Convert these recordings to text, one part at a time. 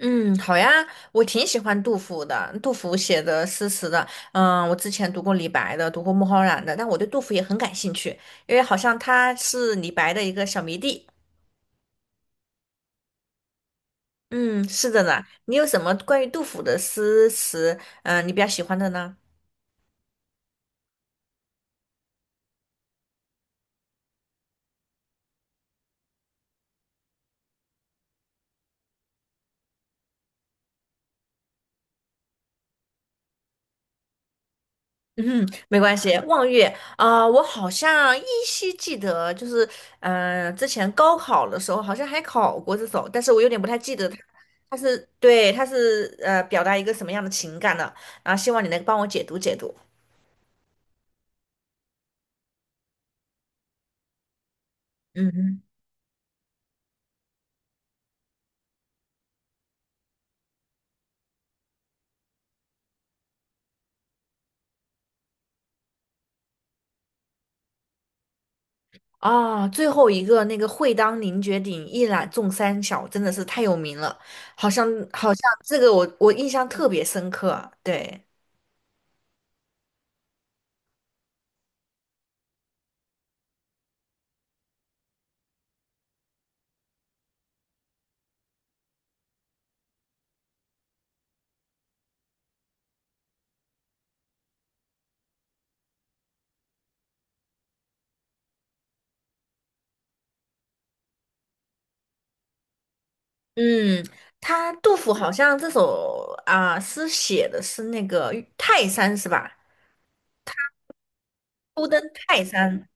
嗯，好呀，我挺喜欢杜甫的，杜甫写的诗词的，嗯，我之前读过李白的，读过孟浩然的，但我对杜甫也很感兴趣，因为好像他是李白的一个小迷弟。嗯，是的呢，你有什么关于杜甫的诗词，嗯，你比较喜欢的呢？嗯，没关系。望月啊、我好像依稀记得，就是嗯、之前高考的时候好像还考过这首，但是我有点不太记得它，它是对，它是表达一个什么样的情感的。然后希望你能帮我解读解读。嗯嗯。啊，最后一个那个“会当凌绝顶，一览众山小”真的是太有名了，好像这个我印象特别深刻。对，嗯，他杜甫好像这首啊、诗写的是那个泰山是吧？初登泰山，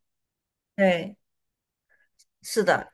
对，是的，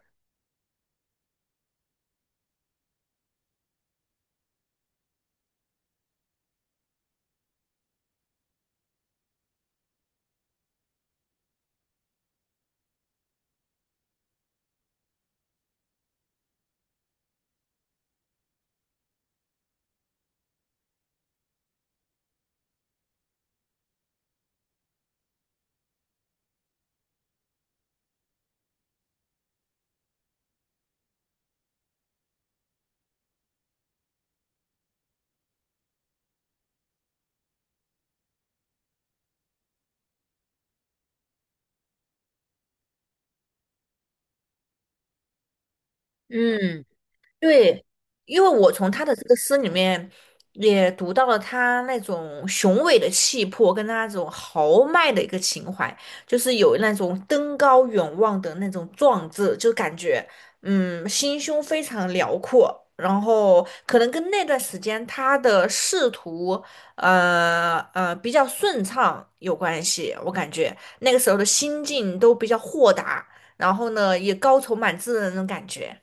嗯。对，因为我从他的这个诗里面也读到了他那种雄伟的气魄，跟他那种豪迈的一个情怀，就是有那种登高远望的那种壮志，就感觉嗯心胸非常辽阔。然后可能跟那段时间他的仕途，比较顺畅有关系，我感觉那个时候的心境都比较豁达，然后呢也高愁满志的那种感觉，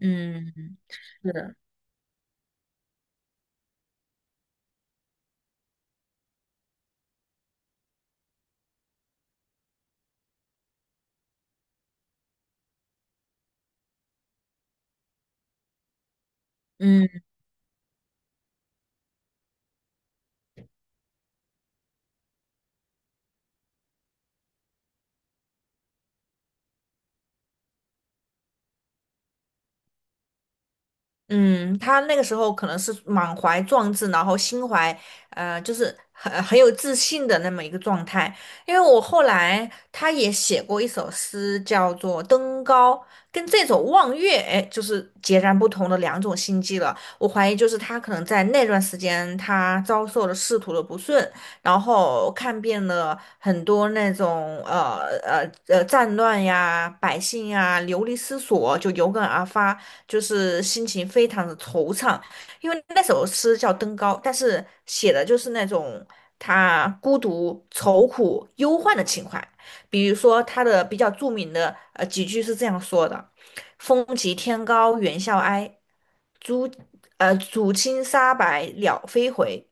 嗯。是，的，嗯嗯，他那个时候可能是满怀壮志，然后心怀就是很有自信的那么一个状态。因为我后来他也写过一首诗，叫做《登高》，跟这首《望月》哎，就是截然不同的两种心境了。我怀疑就是他可能在那段时间，他遭受了仕途的不顺，然后看遍了很多那种战乱呀、百姓呀流离失所，就有感而发。就是心情非常的惆怅，因为那首诗叫《登高》，但是写的就是那种他孤独、愁苦、忧患的情怀。比如说他的比较著名的几句是这样说的：“风急天高猿啸哀，渚渚清沙白鸟飞回。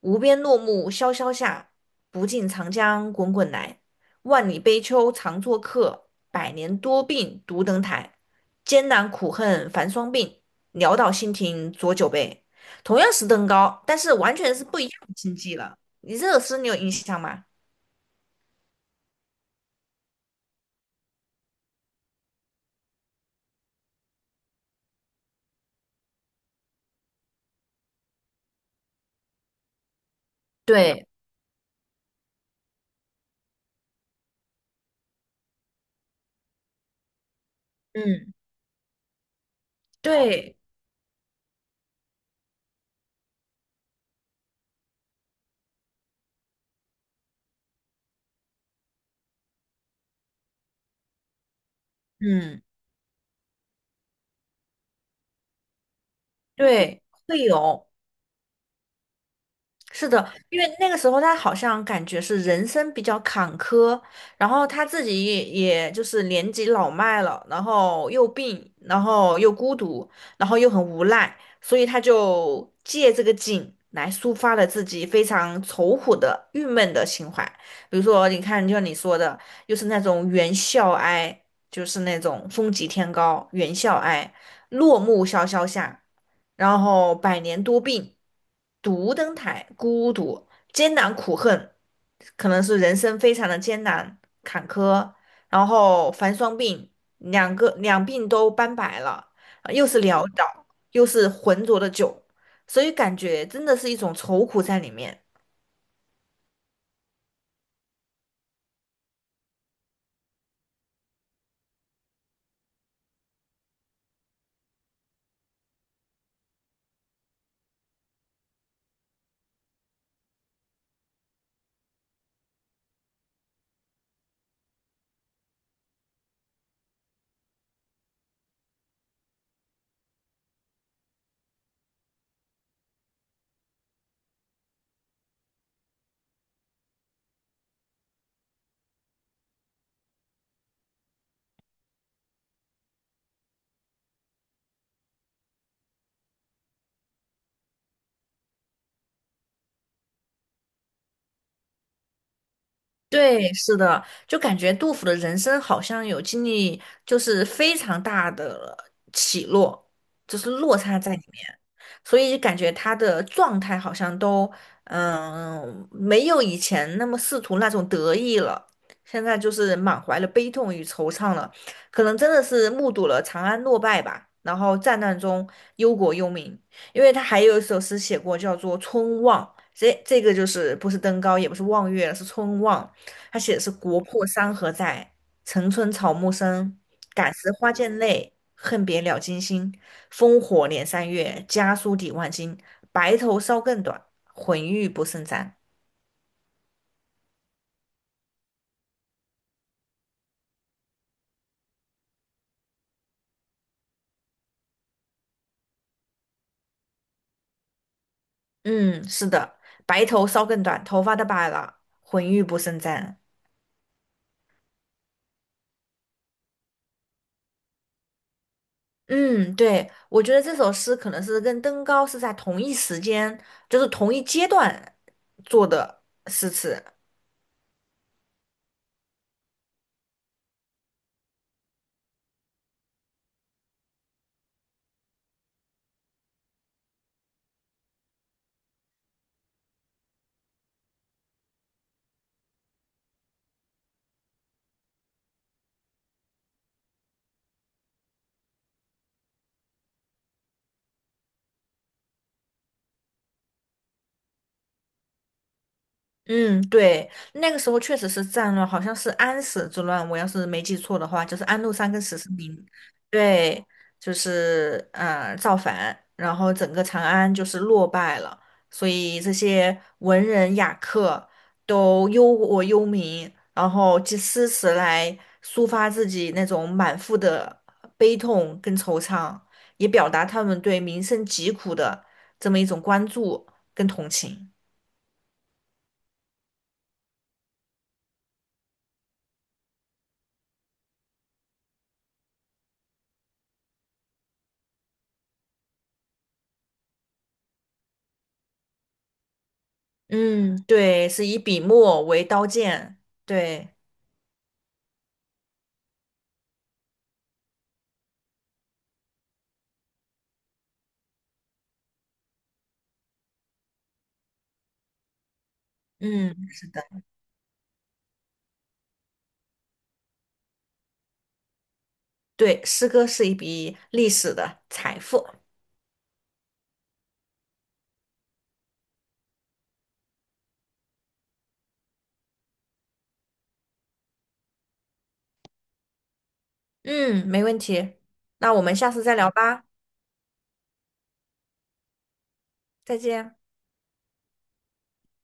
无边落木萧萧下，不尽长江滚滚来。万里悲秋常作客，百年多病独登台。艰难苦恨繁霜鬓，潦倒新停浊酒杯。同样是登高，但是完全是不一样的境界了。你这首诗你有印象吗？对，嗯，对，嗯，对，会有。是的，因为那个时候他好像感觉是人生比较坎坷，然后他自己也就是年纪老迈了，然后又病，然后又孤独，然后又很无奈，所以他就借这个景来抒发了自己非常愁苦的、郁闷的情怀。比如说，你看，就像你说的，又是那种猿啸哀，就是那种风急天高，猿啸哀，落木萧萧下，然后百年多病，独登台，孤独，艰难苦恨，可能是人生非常的艰难坎坷，然后凡双病，两病都斑白了，又是潦倒，又是浑浊的酒，所以感觉真的是一种愁苦在里面。对，是的，就感觉杜甫的人生好像有经历，就是非常大的起落，就是落差在里面，所以感觉他的状态好像都，嗯，没有以前那么仕途那种得意了，现在就是满怀了悲痛与惆怅了，可能真的是目睹了长安落败吧，然后战乱中忧国忧民，因为他还有一首诗写过，叫做《春望》，这个就是不是登高，也不是望月，是春望。他写的是“国破山河在，城春草木深。感时花溅泪，恨别鸟惊心。烽火连三月，家书抵万金。白头搔更短，浑欲不胜簪。”嗯，是的，白头搔更短，头发都白了，浑欲不胜簪。嗯，对，我觉得这首诗可能是跟登高是在同一时间，就是同一阶段做的诗词。嗯，对，那个时候确实是战乱，好像是安史之乱，我要是没记错的话，就是安禄山跟史思明，对，就是造反，然后整个长安就是落败了，所以这些文人雅客都忧国忧民，然后借诗词来抒发自己那种满腹的悲痛跟惆怅，也表达他们对民生疾苦的这么一种关注跟同情。嗯，对，是以笔墨为刀剑，对，嗯，是的，对，诗歌是一笔历史的财富，嗯，没问题，那我们下次再聊吧，再见。